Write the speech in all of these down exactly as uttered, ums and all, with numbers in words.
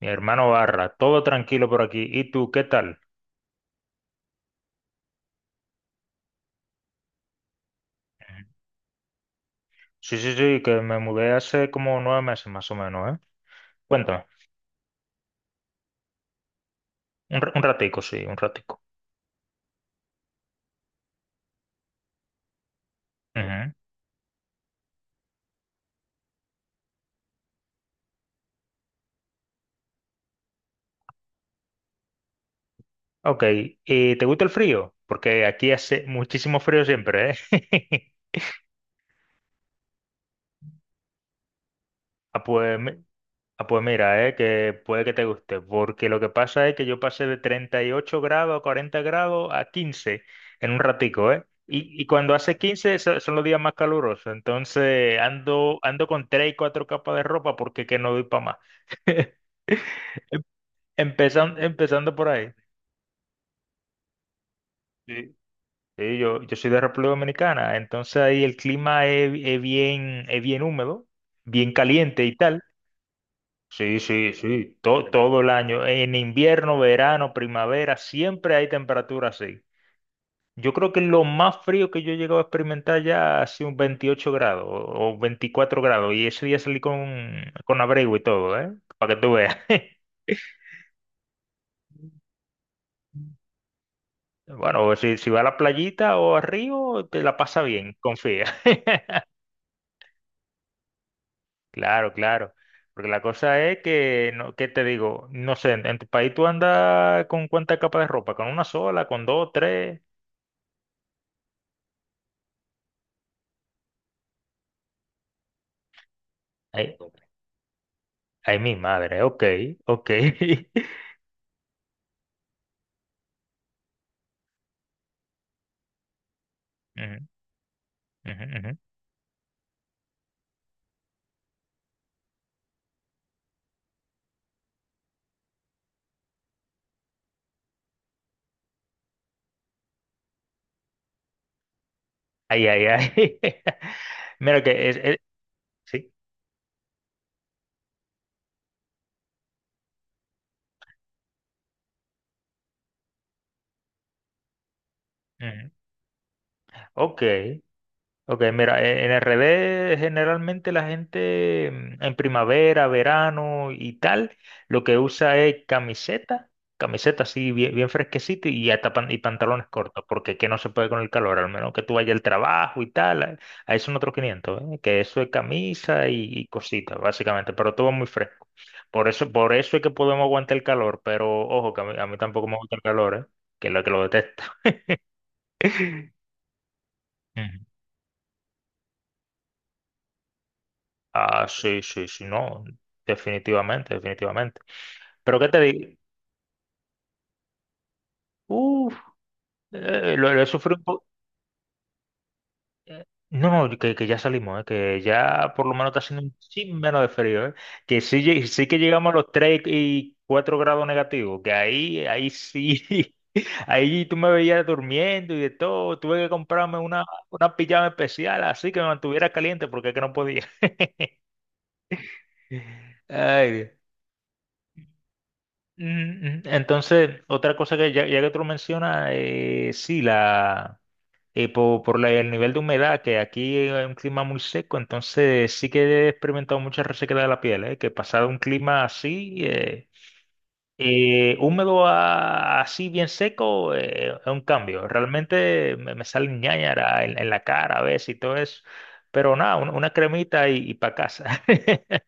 Mi hermano Barra, todo tranquilo por aquí. ¿Y tú, qué tal? Ujú. Sí, sí, sí, que me mudé hace como nueve meses más o menos, ¿eh? Cuéntame. Un, ra- un ratico, sí, un ratico. Ujú. Ok, ¿y te gusta el frío? Porque aquí hace muchísimo frío siempre, ¿eh? Ah, pues mi- Ah, pues mira, eh, que puede que te guste, porque lo que pasa es que yo pasé de treinta y ocho grados a cuarenta grados a quince en un ratico, ¿eh? Y, y cuando hace quince so- son los días más calurosos, entonces ando, ando, con tres y cuatro capas de ropa porque que no doy para más. Empezando, empezando por ahí. Sí. Sí, yo, yo soy de República Dominicana, entonces ahí el clima es, es bien, es bien húmedo, bien caliente y tal. Sí, sí, sí, to- todo el año, en invierno, verano, primavera, siempre hay temperatura así. Yo creo que lo más frío que yo he llegado a experimentar ya ha sido un veintiocho grados o o veinticuatro grados y ese día salí con, con abrigo y todo, ¿eh? Para que tú veas. Bueno, si, si va a la playita o a río, te la pasa bien, confía. Claro, claro. Porque la cosa es que, no, ¿qué te digo? No sé, en, en tu país tú andas con cuánta capa de ropa, con una sola, con dos, tres. Ay, ay, mi madre, ok, ok. Ujú, ujú, ujú. Ay, ay, ay. Mira que es, es- Sí. Ujú. Ok, Ok, mira, e- en el revés generalmente la gente, mm, en primavera, verano y tal, lo que usa es camiseta, camiseta así bien, bien fresquecita y hasta pan- y pantalones cortos, porque que no se puede con el calor, al menos que tú vayas al trabajo y tal, a- ahí son otros quinientos, ¿eh? Que eso es camisa y, y cositas, básicamente, pero todo muy fresco. Por eso, por eso es que podemos aguantar el calor, pero ojo, que a mí, a mí tampoco me gusta el calor, ¿eh? Que lo que lo detesto. Ujú. Ah, sí, sí, sí, no, definitivamente, definitivamente. Pero ¿qué te digo? Uf, eh, lo, lo he sufrido un poco. No, no, que, que ya salimos, eh, que ya por lo menos está haciendo un chin menos de frío, eh, que sí, lleg- sí que llegamos a los tres y cuatro grados negativos, que ahí, ahí sí, ahí tú me veías durmiendo y de todo, tuve que comprarme una, una pijama especial así que me mantuviera caliente porque es que no podía. Ay, Dios. Mm, mm, Entonces, otra cosa que ya, ya que tú lo mencionas, eh, sí, la, eh, po- por, la- el nivel de humedad, que aquí es un clima muy seco, entonces sí que he experimentado mucha resequedad de la piel, eh, que pasado un clima así, eh, eh, húmedo a- así bien seco, eh, es un cambio. Realmente me, me salen ñáñaras en, en la cara a veces y todo eso, pero nada, un- una cremita y, para casa.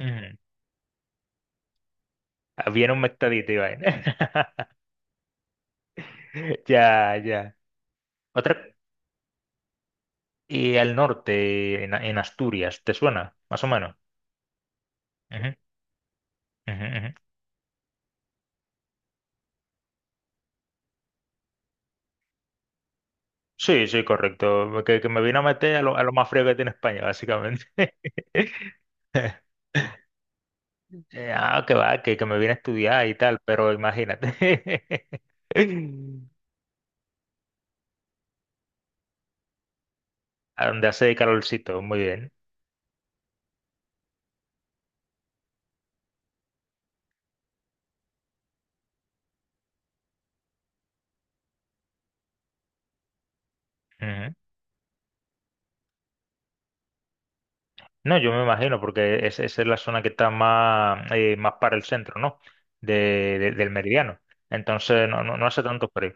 Ujú. Bien humectadita y vaina. Ya, ya. Otra, y al norte, en, en Asturias, ¿te suena? Más o menos. Ujú, ujú, ujú. Sí, sí, correcto. Que, que me vino a meter a lo, a lo más frío que tiene España, básicamente. Eh, Ah, que va, que, que me vine a estudiar y tal, pero imagínate. A donde hace calorcito, muy bien. Ujú. No, yo me imagino, porque es- esa es la zona que está más, eh, más para el centro, ¿no? De, de- del meridiano. Entonces, no, no, no hace tanto frío.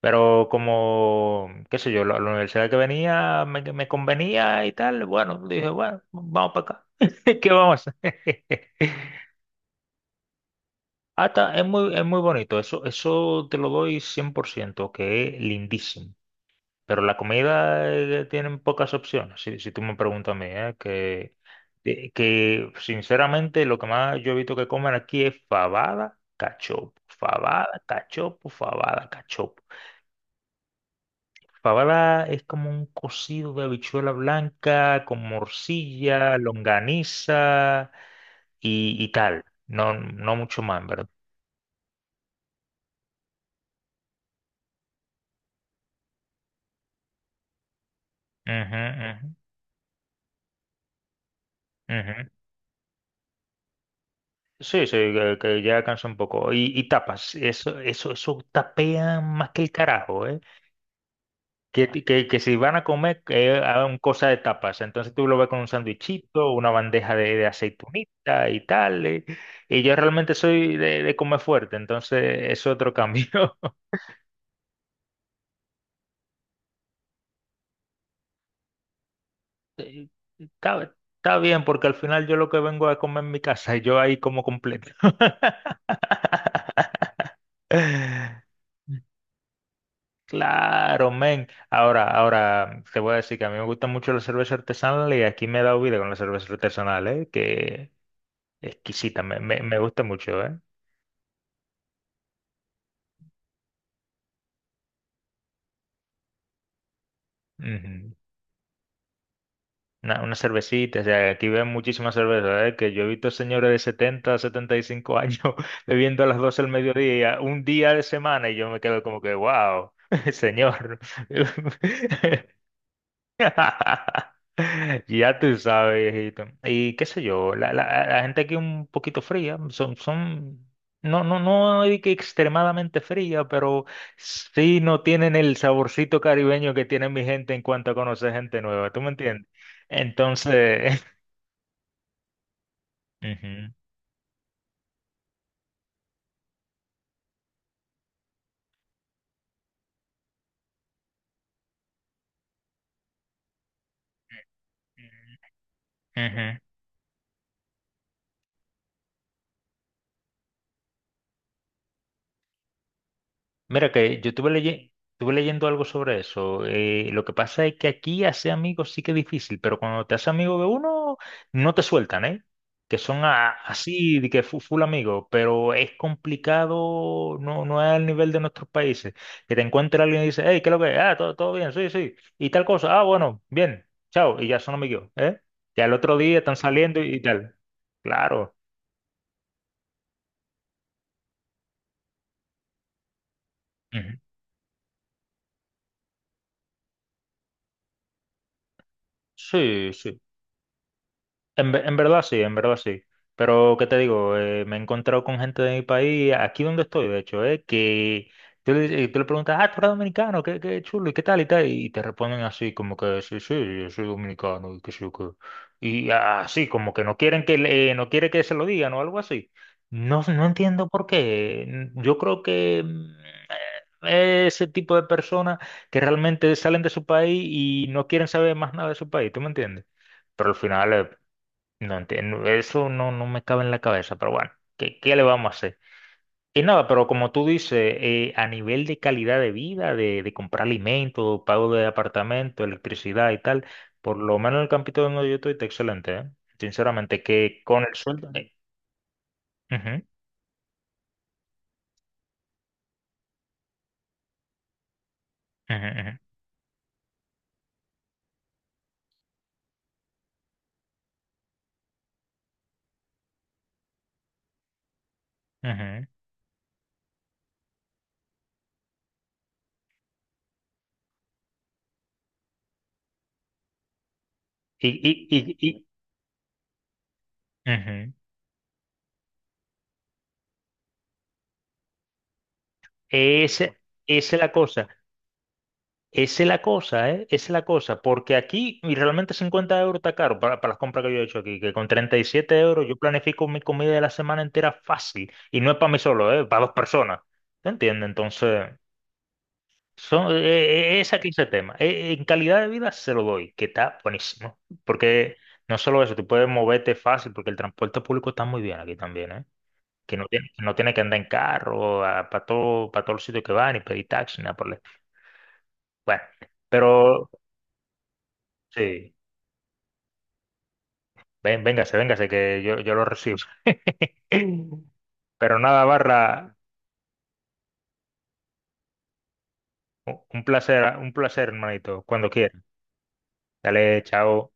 Pero como, qué sé yo, la, la universidad que venía me, me convenía y tal, bueno, dije, bueno, vamos para acá. ¿Qué vamos a hacer? Hasta es muy, es muy bonito, eso, eso te lo doy cien por ciento que es lindísimo. Pero la comida eh, tienen pocas opciones, si, si tú me preguntas a mí, ¿eh? Que, de- que sinceramente lo que más yo he visto que comen aquí es fabada, cachopo, fabada, cachopo, fabada, cachopo. Fabada es como un cocido de habichuela blanca con morcilla, longaniza y, y tal. No, no mucho más, en ¿verdad? Ujú, ujú, ujú. Sí, sí, que, que ya cansa un poco. Y, y tapas, eso, eso, eso tapean más que el carajo, ¿eh? Que, que, que si van a comer, que hagan cosa de tapas. Entonces tú lo ves con un sandwichito, una bandeja de, de aceitunita y tal. Y, y yo realmente soy de, de comer fuerte, entonces es otro cambio. eh, Está, está bien, porque al final yo lo que vengo a comer en mi casa y yo ahí como completo. Claro, men. Ahora, ahora te voy a decir que a mí me gusta mucho la cerveza artesanal y aquí me he dado vida con la cerveza artesanal, ¿eh? Que exquisita, me, me, me gusta mucho, eh Ujú. Una, una cervecita, o sea, aquí ven muchísimas cervezas, ¿eh? Que yo he visto señores de setenta, setenta y cinco años bebiendo a las doce del mediodía, un día de semana, y yo me quedo como que, wow, señor. Ya tú sabes, hijito. Y qué sé yo, la, la- la gente aquí un poquito fría, son, son, no, no, no hay que extremadamente fría, pero sí no tienen el saborcito caribeño que tiene mi gente en cuanto a conocer gente nueva, ¿tú me entiendes? Entonces. Ujú, ujú. Mira que yo estuve, leye- estuve leyendo algo sobre eso. Eh, lo que pasa es que aquí hacer amigos sí que es difícil, pero cuando te haces amigo de uno, no te sueltan, ¿eh? Que son a- así, de que fu- full amigo, pero es complicado, no, no es al nivel de nuestros países. Que te encuentre alguien y dice, hey, ¿qué es lo que es? Ah, todo, todo bien, sí, sí. Y tal cosa, ah, bueno, bien, chao, y ya son amigos, ¿eh? Ya el otro día están saliendo y tal. Claro. Ujú. Sí, sí. En, ve- en verdad sí, en verdad sí. Pero, ¿qué te digo? Eh, me he encontrado con gente de mi país, aquí donde estoy, de hecho, eh, que tú le, eh, tú le preguntas, ah, tú eres dominicano, qué, qué chulo, y qué tal, y tal, y te responden así, como que sí, sí, yo soy dominicano, y qué sé yo qué. Y así, como que no quieren que le- no quiere que se lo digan o algo así. No, no entiendo por qué. N- Yo creo que mm, eh, ese tipo de personas que realmente salen de su país y no quieren saber más nada de su país, ¿tú me entiendes? Pero al final, no entiendo, eso no, no me cabe en la cabeza, pero bueno, ¿qué, qué le vamos a hacer? Y nada, pero como tú dices, eh, a nivel de calidad de vida, de, de comprar alimentos, pago de apartamento, electricidad y tal, por lo menos el campito donde yo estoy está excelente, ¿eh? Sinceramente, que con el sueldo. Eh, ujú, ujú, ujú, ujú. Y, y, y, y- Ujú. Ese- Esa es la cosa. Esa es la cosa, ¿eh? Esa es la cosa, porque aquí y realmente cincuenta euros está caro para, para, las compras que yo he hecho aquí, que con treinta y siete euros yo planifico mi comida de la semana entera fácil, y no es para mí solo, ¿eh? Para dos personas, ¿te entiendes? Entonces, son, eh, eh, es aquí ese tema. Eh, en calidad de vida se lo doy, que está buenísimo, porque no solo eso, tú puedes moverte fácil, porque el transporte público está muy bien aquí también, ¿eh? Que no tiene, que no tiene que andar en carro, para todo, para todos los sitios que van, y pedir taxi, nada por el- Bueno, pero. Sí, ven, véngase, véngase, que yo, yo lo recibo. Pero nada, Barra, un placer, un placer, hermanito, cuando quiera. Dale, chao.